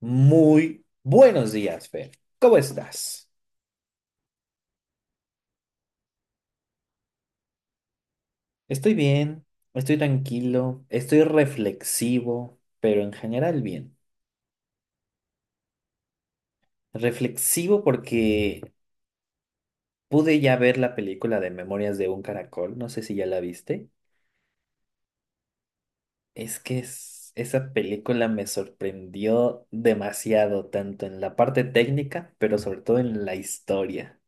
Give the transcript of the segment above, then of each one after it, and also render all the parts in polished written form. Muy buenos días, Fer. ¿Cómo estás? Estoy bien, estoy tranquilo, estoy reflexivo, pero en general bien. Reflexivo porque pude ya ver la película de Memorias de un Caracol, no sé si ya la viste. Es que esa película me sorprendió demasiado, tanto en la parte técnica, pero sobre todo en la historia.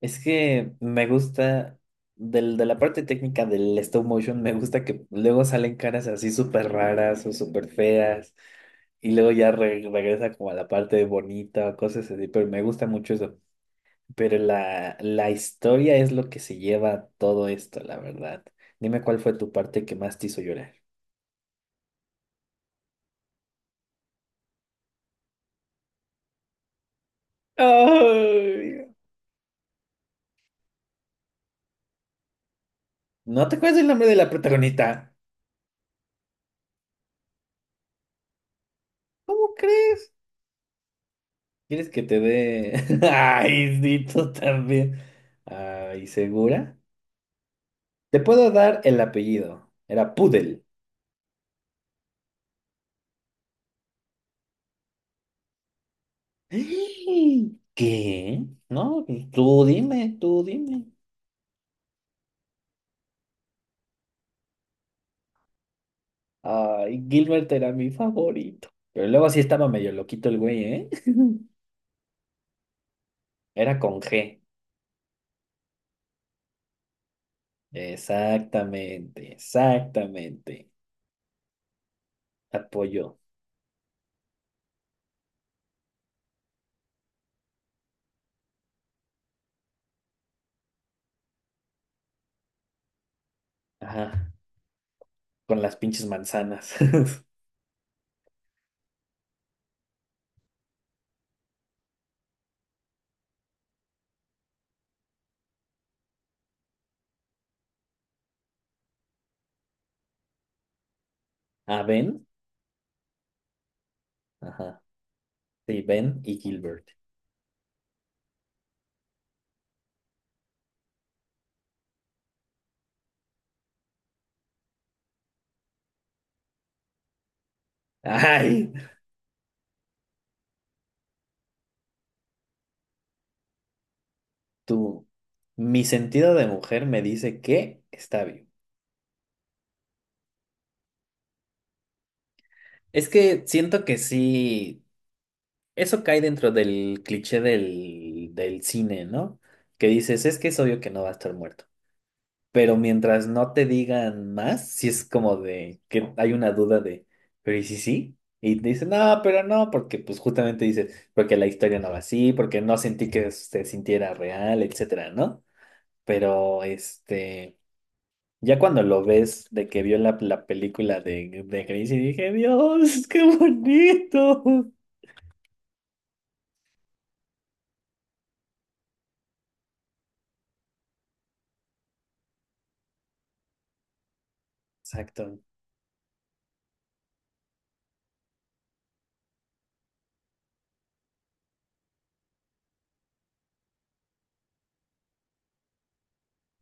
Es que me gusta, de la parte técnica del stop motion, me gusta que luego salen caras así súper raras o súper feas y luego ya regresa como a la parte bonita o cosas así, pero me gusta mucho eso. Pero la historia es lo que se lleva todo esto, la verdad. Dime cuál fue tu parte que más te hizo llorar. Ay, ¿no te acuerdas el nombre de la protagonista? ¿Cómo crees? ¿Quieres que te dé? Ay, sí, tú también. Ay, ¿segura? Te puedo dar el apellido. Era Pudel. ¡Ay! ¿Qué? No, tú dime, tú dime. Ay, Gilbert era mi favorito. Pero luego sí estaba medio loquito el güey, ¿eh? Era con G. Exactamente, exactamente. Apoyo. Ajá. Con las pinches manzanas. Ah, Ben. Ajá. Sí, Ben y Gilbert. Ay, tú. Mi sentido de mujer me dice que está bien. Es que siento que sí, eso cae dentro del cliché del cine, ¿no? Que dices, es que es obvio que no va a estar muerto. Pero mientras no te digan más, si es como de que hay una duda de, pero ¿y si sí? Y te dicen, no, pero no, porque pues justamente dices, porque la historia no va así, porque no sentí que se sintiera real, etcétera, ¿no? Pero este. Ya cuando lo ves de que vio la película de Grace y dije, Dios, qué bonito. Exacto,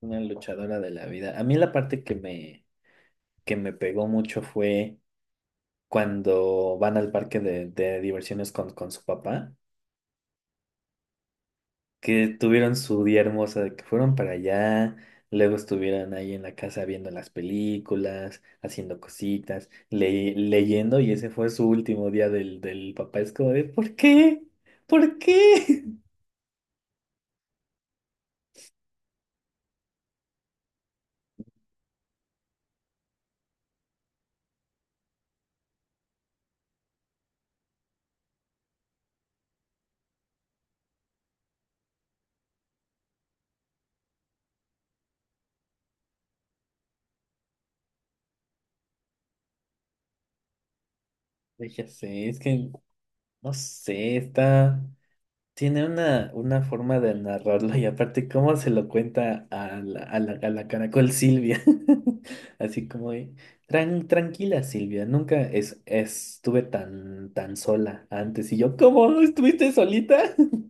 una luchadora de la vida. A mí la parte que me pegó mucho fue cuando van al parque de diversiones con su papá, que tuvieron su día hermosa, de que fueron para allá, luego estuvieron ahí en la casa viendo las películas, haciendo cositas, leyendo, y ese fue su último día del papá. Es como de, ¿por qué? ¿Por qué? Ya sé, es que no sé, está. Tiene una forma de narrarlo y aparte, ¿cómo se lo cuenta a a la caracol Silvia? Así como, de, tranquila Silvia, nunca es, estuve tan, tan sola antes". Y yo, ¿cómo? ¿Estuviste solita?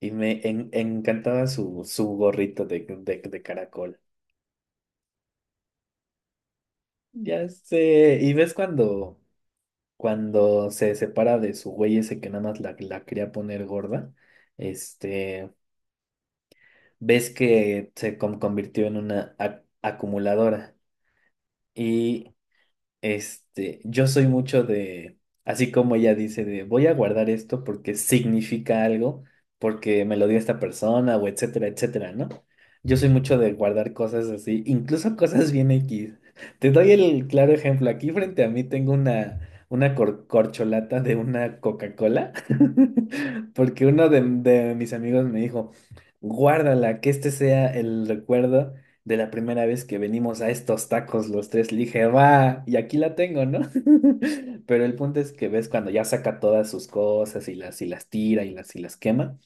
Y me encantaba su gorrito de caracol. Ya sé, y ves cuando cuando se separa de su güey ese que nada más la quería poner gorda, este, ves que se convirtió en una acumuladora. Y este, yo soy mucho de, así como ella dice, de voy a guardar esto porque significa algo, porque me lo dio esta persona o etcétera, etcétera, ¿no? Yo soy mucho de guardar cosas así, incluso cosas bien X. Te doy el claro ejemplo. Aquí frente a mí tengo una corcholata de una Coca-Cola, porque uno de mis amigos me dijo, guárdala, que este sea el recuerdo de la primera vez que venimos a estos tacos los tres, le dije, va, y aquí la tengo, ¿no? Pero el punto es que ves cuando ya saca todas sus cosas y las tira y las quema,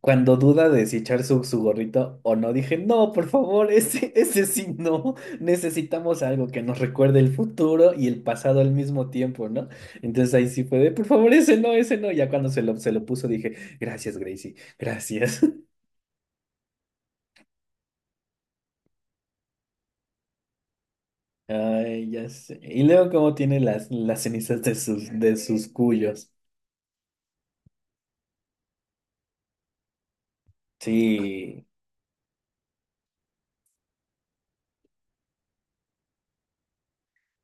cuando duda de si echar su gorrito o no, dije, no, por favor, ese sí no, necesitamos algo que nos recuerde el futuro y el pasado al mismo tiempo, ¿no? Entonces ahí sí fue de, por favor, ese no, ya cuando se lo puso dije, gracias, Gracie, gracias. Ay, ya sé. Y luego cómo tiene las cenizas de de sus cuyos. Sí,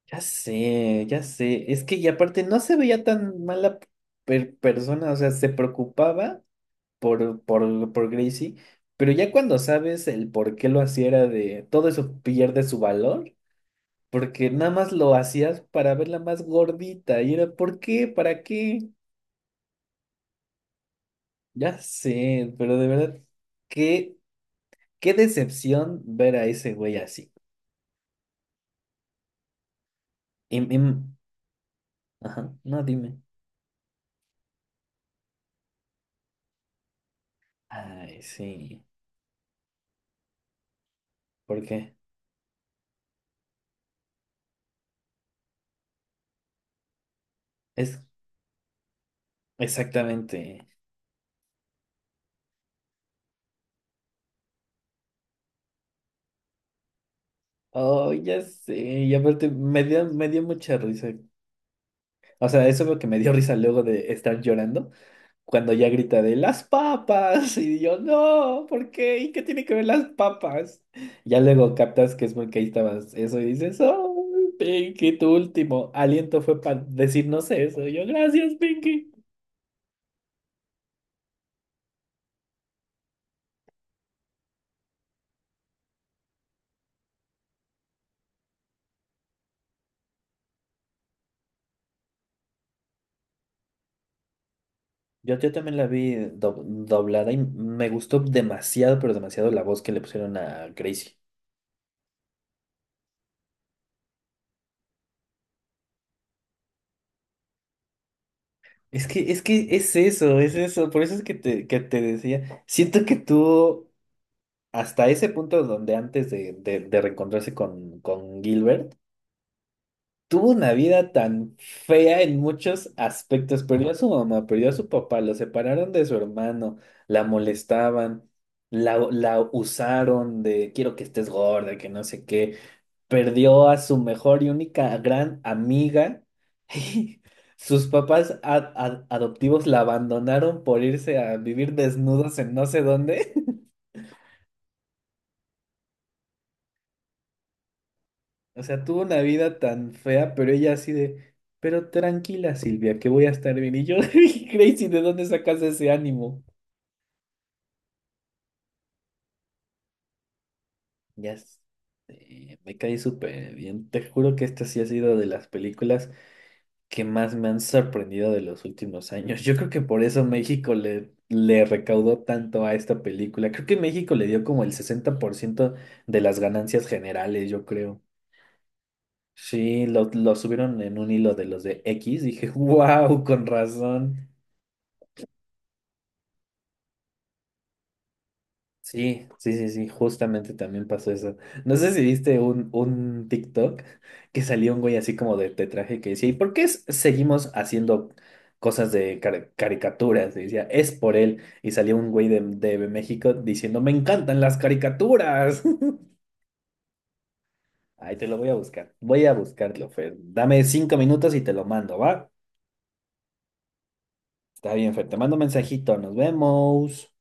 ya sé, ya sé. Es que y aparte no se veía tan mala persona, o sea, se preocupaba por, por Gracie, pero ya cuando sabes el por qué lo hacía era de todo eso pierde su valor, porque nada más lo hacías para verla más gordita y era ¿por qué? ¿Para qué? Ya sé, pero de verdad, qué, qué decepción ver a ese güey así. Im- im- Ajá, no, dime. Ay, sí. ¿Por qué? Es exactamente. Oh, ya sé. Y aparte, me dio mucha risa. O sea, eso es lo que me dio risa luego de estar llorando. Cuando ya grita de las papas. Y yo, no, ¿por qué? ¿Y qué tiene que ver las papas? Ya luego captas que es porque ahí estabas eso y dices, oh, Pinky, tu último aliento fue para decirnos eso. Y yo, gracias, Pinky. Yo también la vi doblada y me gustó demasiado, pero demasiado la voz que le pusieron a Gracie. Es que es eso, es eso. Por eso es que que te decía. Siento que tuvo hasta ese punto donde antes de reencontrarse con Gilbert, tuvo una vida tan fea en muchos aspectos. Perdió a su mamá, perdió a su papá, lo separaron de su hermano, la molestaban, la usaron de quiero que estés gorda, que no sé qué. Perdió a su mejor y única gran amiga. Y sus papás adoptivos la abandonaron por irse a vivir desnudos en no sé dónde. O sea, tuvo una vida tan fea, pero ella así de, pero tranquila, Silvia, que voy a estar bien. Y yo, Crazy, ¿de dónde sacas ese ánimo? Ya sé, me caí súper bien. Te juro que esta sí ha sido de las películas que más me han sorprendido de los últimos años. Yo creo que por eso México le recaudó tanto a esta película. Creo que México le dio como el 60% de las ganancias generales, yo creo. Sí, lo subieron en un hilo de los de X. Dije, wow, con razón. Sí, sí, sí, sí, justamente también pasó eso. No sé si viste un TikTok que salió un güey así como de traje que decía, ¿y por qué seguimos haciendo cosas de caricaturas? Y decía, es por él. Y salió un güey de México diciendo, me encantan las caricaturas. Ahí te lo voy a buscar. Voy a buscarlo, Fer. Dame 5 minutos y te lo mando, ¿va? Está bien, Fer. Te mando un mensajito. Nos vemos.